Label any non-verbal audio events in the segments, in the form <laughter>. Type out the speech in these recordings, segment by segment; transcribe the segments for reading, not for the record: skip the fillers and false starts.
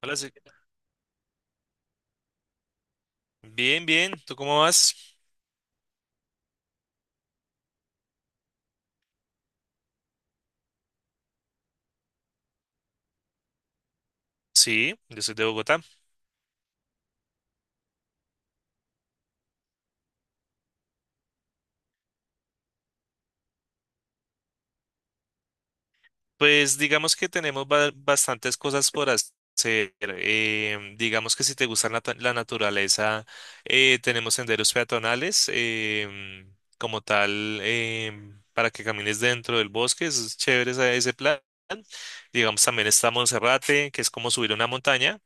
Hola, sí. Bien, bien. ¿Tú cómo vas? Sí, yo soy de Bogotá. Pues digamos que tenemos bastantes cosas por hacer. Digamos que si te gusta la naturaleza, tenemos senderos peatonales como tal para que camines dentro del bosque. Es chévere ese plan. Digamos, también está Monserrate, que es como subir una montaña.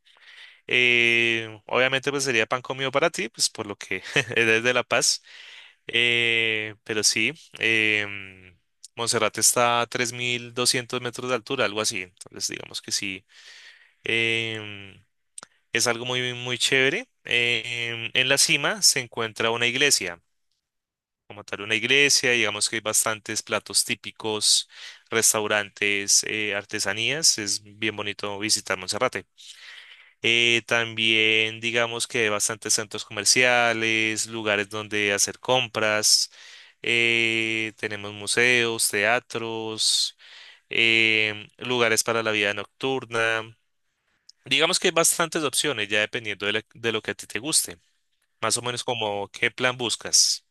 Obviamente, pues sería pan comido para ti, pues por lo que <laughs> eres de La Paz. Pero sí, em, Monserrate está a 3.200 metros de altura, algo así. Entonces, digamos que sí, em, es algo muy, muy chévere. En la cima se encuentra una iglesia, como tal, una iglesia. Digamos que hay bastantes platos típicos, restaurantes, artesanías. Es bien bonito visitar Monserrate. También digamos que hay bastantes centros comerciales, lugares donde hacer compras. Tenemos museos, teatros, lugares para la vida nocturna. Digamos que hay bastantes opciones, ya dependiendo de, de lo que a ti te guste. Más o menos como qué plan buscas.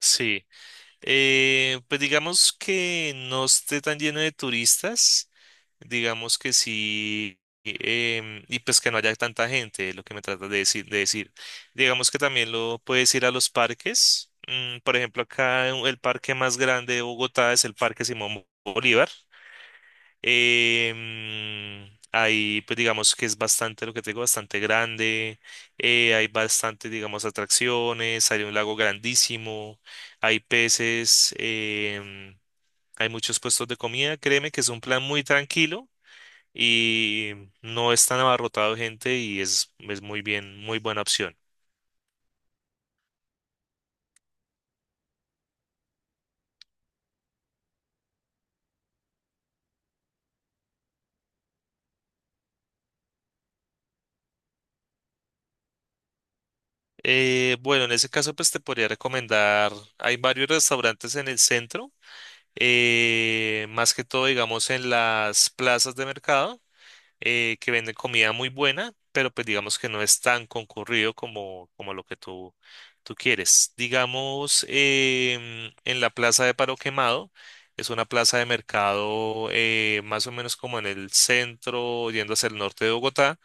Sí, pues digamos que no esté tan lleno de turistas. Digamos que sí, y pues que no haya tanta gente, es lo que me tratas de decir. Digamos que también lo puedes ir a los parques. Por ejemplo, el parque más grande de Bogotá es el Parque Simón Bolívar. Ahí, pues digamos que es bastante, lo que te digo, bastante grande. Hay bastante, digamos, atracciones. Hay un lago grandísimo. Hay peces. Hay muchos puestos de comida. Créeme que es un plan muy tranquilo y no es tan abarrotado de gente y es muy bien, muy buena opción. Bueno, en ese caso pues te podría recomendar, hay varios restaurantes en el centro, más que todo digamos en las plazas de mercado. Que venden comida muy buena, pero pues digamos que no es tan concurrido como lo que tú quieres. Digamos, en la plaza de Paro Quemado, es una plaza de mercado más o menos como en el centro, yendo hacia el norte de Bogotá.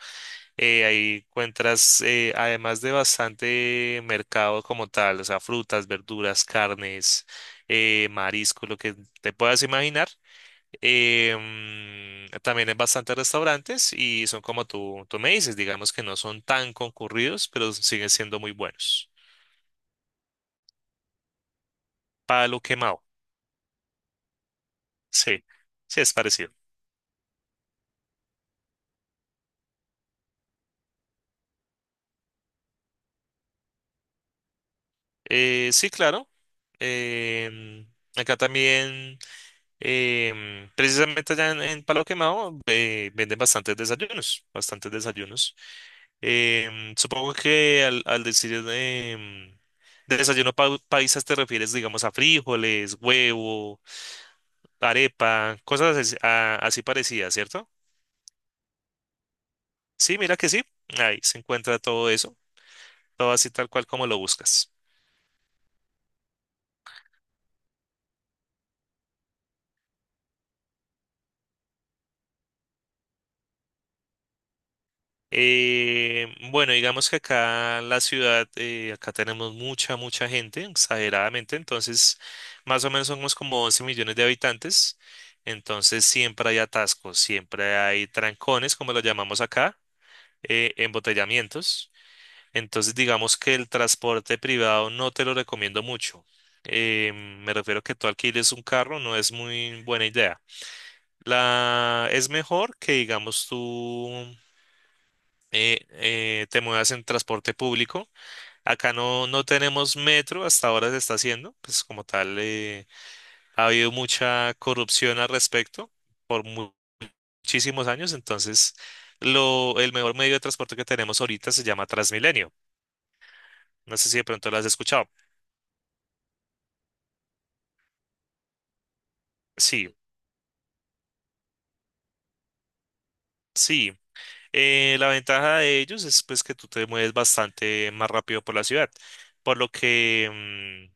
Ahí encuentras, además de bastante mercado como tal, o sea, frutas, verduras, carnes, marisco, lo que te puedas imaginar. También hay bastantes restaurantes y son como tú me dices, digamos que no son tan concurridos, pero siguen siendo muy buenos. Palo quemado, sí, sí es parecido. Sí, claro. em, Acá también, precisamente allá en Palo Quemado, venden bastantes desayunos, bastantes desayunos. Supongo que al decir desayuno paisa te refieres, digamos, a frijoles, huevo arepa, cosas así, así parecidas, ¿cierto? Sí, mira que sí, ahí se encuentra todo eso, todo así tal cual como lo buscas. Bueno, digamos que acá en la ciudad, acá tenemos mucha, mucha gente, exageradamente, entonces más o menos somos como 11 millones de habitantes, entonces siempre hay atascos, siempre hay trancones, como lo llamamos acá, embotellamientos. Entonces, digamos que el transporte privado no te lo recomiendo mucho. Eh, Me refiero que tú alquiles un carro, no es muy buena idea. Es mejor que, digamos, tú te muevas en transporte público. Acá no, no tenemos metro, hasta ahora se está haciendo. Pues como tal, ha habido mucha corrupción al respecto por muchísimos años. Entonces, lo, el mejor medio de transporte que tenemos ahorita se llama Transmilenio. No sé si de pronto lo has escuchado. Sí. Sí, la ventaja de ellos es pues que tú te mueves bastante más rápido por la ciudad, por lo que, mm,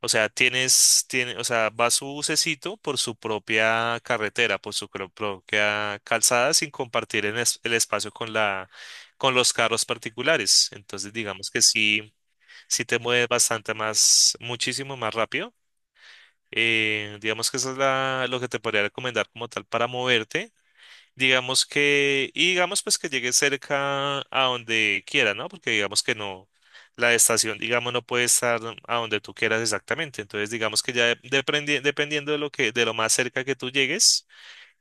o sea, tiene, o sea, va su bucecito por su propia carretera, por su propia calzada sin compartir el espacio con la, con los carros particulares. Entonces, digamos que sí, sí te mueves bastante más, muchísimo más rápido. Digamos que eso es lo que te podría recomendar como tal para moverte. Digamos que, y digamos pues que llegue cerca a donde quiera, ¿no? Porque digamos que no, la estación, digamos, no puede estar a donde tú quieras exactamente. Entonces, digamos que ya dependiendo de lo que, de lo más cerca que tú llegues,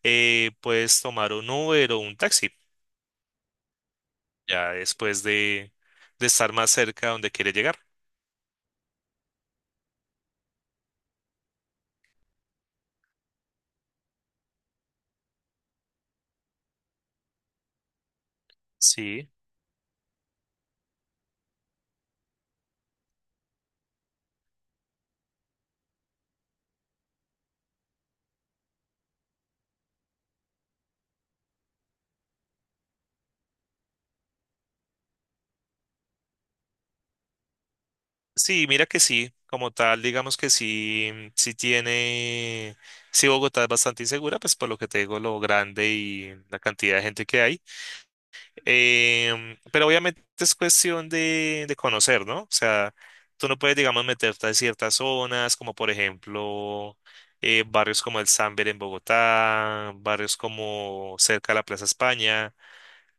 puedes tomar un Uber o un taxi, ya después de estar más cerca a donde quieres llegar. Sí. Sí, mira que sí, como tal, digamos que sí, sí tiene, sí Bogotá es bastante insegura, pues por lo que te digo, lo grande y la cantidad de gente que hay. Pero obviamente es cuestión de conocer, ¿no? O sea, tú no puedes, digamos, meterte a ciertas zonas, como por ejemplo barrios como el Samber en Bogotá, barrios como cerca de la Plaza España,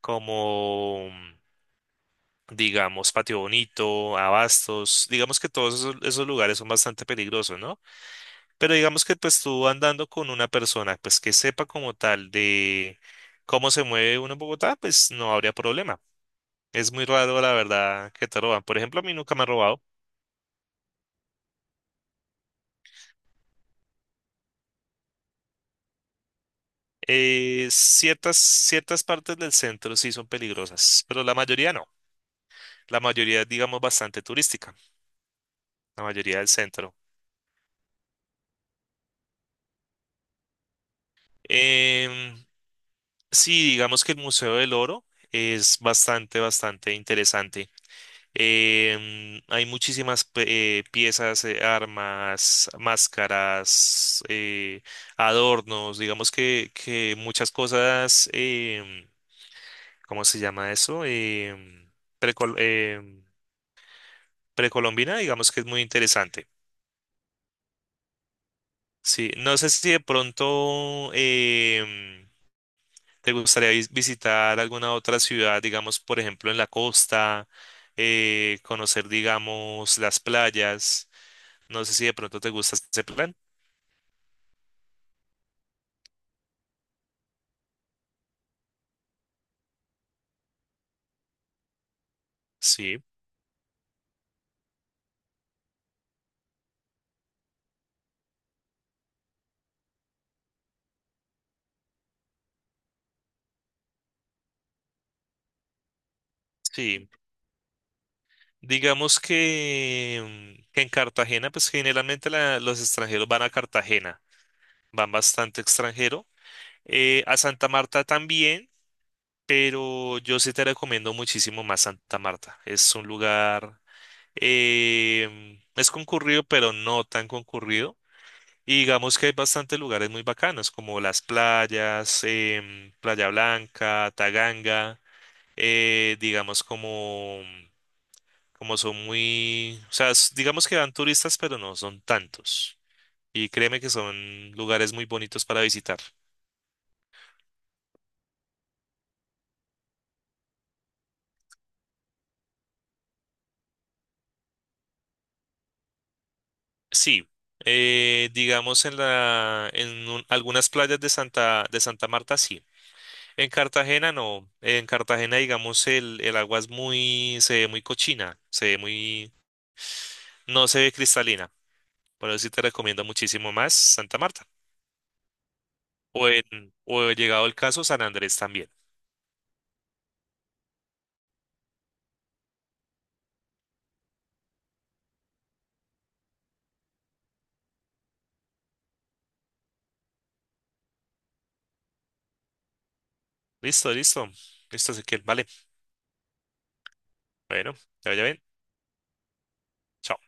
como, digamos, Patio Bonito, Abastos. Digamos que todos esos lugares son bastante peligrosos, ¿no? Pero digamos que pues tú andando con una persona, pues que sepa como tal de cómo se mueve uno en Bogotá, pues no habría problema. Es muy raro, la verdad, que te roban. Por ejemplo, a mí nunca me han robado. Ciertas partes del centro sí son peligrosas, pero la mayoría no. La mayoría es, digamos, bastante turística, la mayoría del centro. Em, sí, digamos que el Museo del Oro es bastante, bastante interesante. Hay muchísimas piezas, armas, máscaras, adornos, digamos que muchas cosas. ¿Cómo se llama eso? Precol- em, Precolombina, digamos que es muy interesante. Sí, no sé si de pronto te gustaría visitar alguna otra ciudad, digamos, por ejemplo, en la costa, conocer, digamos, las playas. No sé si de pronto te gusta ese plan. Sí, sí. Digamos que, que en Cartagena, pues generalmente los extranjeros van a Cartagena, van bastante extranjero. A Santa Marta también. Pero yo sí te recomiendo muchísimo más Santa Marta. Es un lugar, es concurrido, pero no tan concurrido. Y digamos que hay bastantes lugares muy bacanos, como las playas, Playa Blanca, Taganga, digamos como, como son muy, o sea, digamos que van turistas, pero no son tantos. Y créeme que son lugares muy bonitos para visitar. Sí, digamos en la, algunas playas de de Santa Marta sí. En Cartagena no. En Cartagena, digamos, el agua es muy, se ve muy cochina, se ve muy, no se ve cristalina. Por eso sí te recomiendo muchísimo más Santa Marta. O en, o llegado el caso, San Andrés también. Listo, listo. Listo, Ezequiel. Vale. Bueno, ya vaya bien. Chao.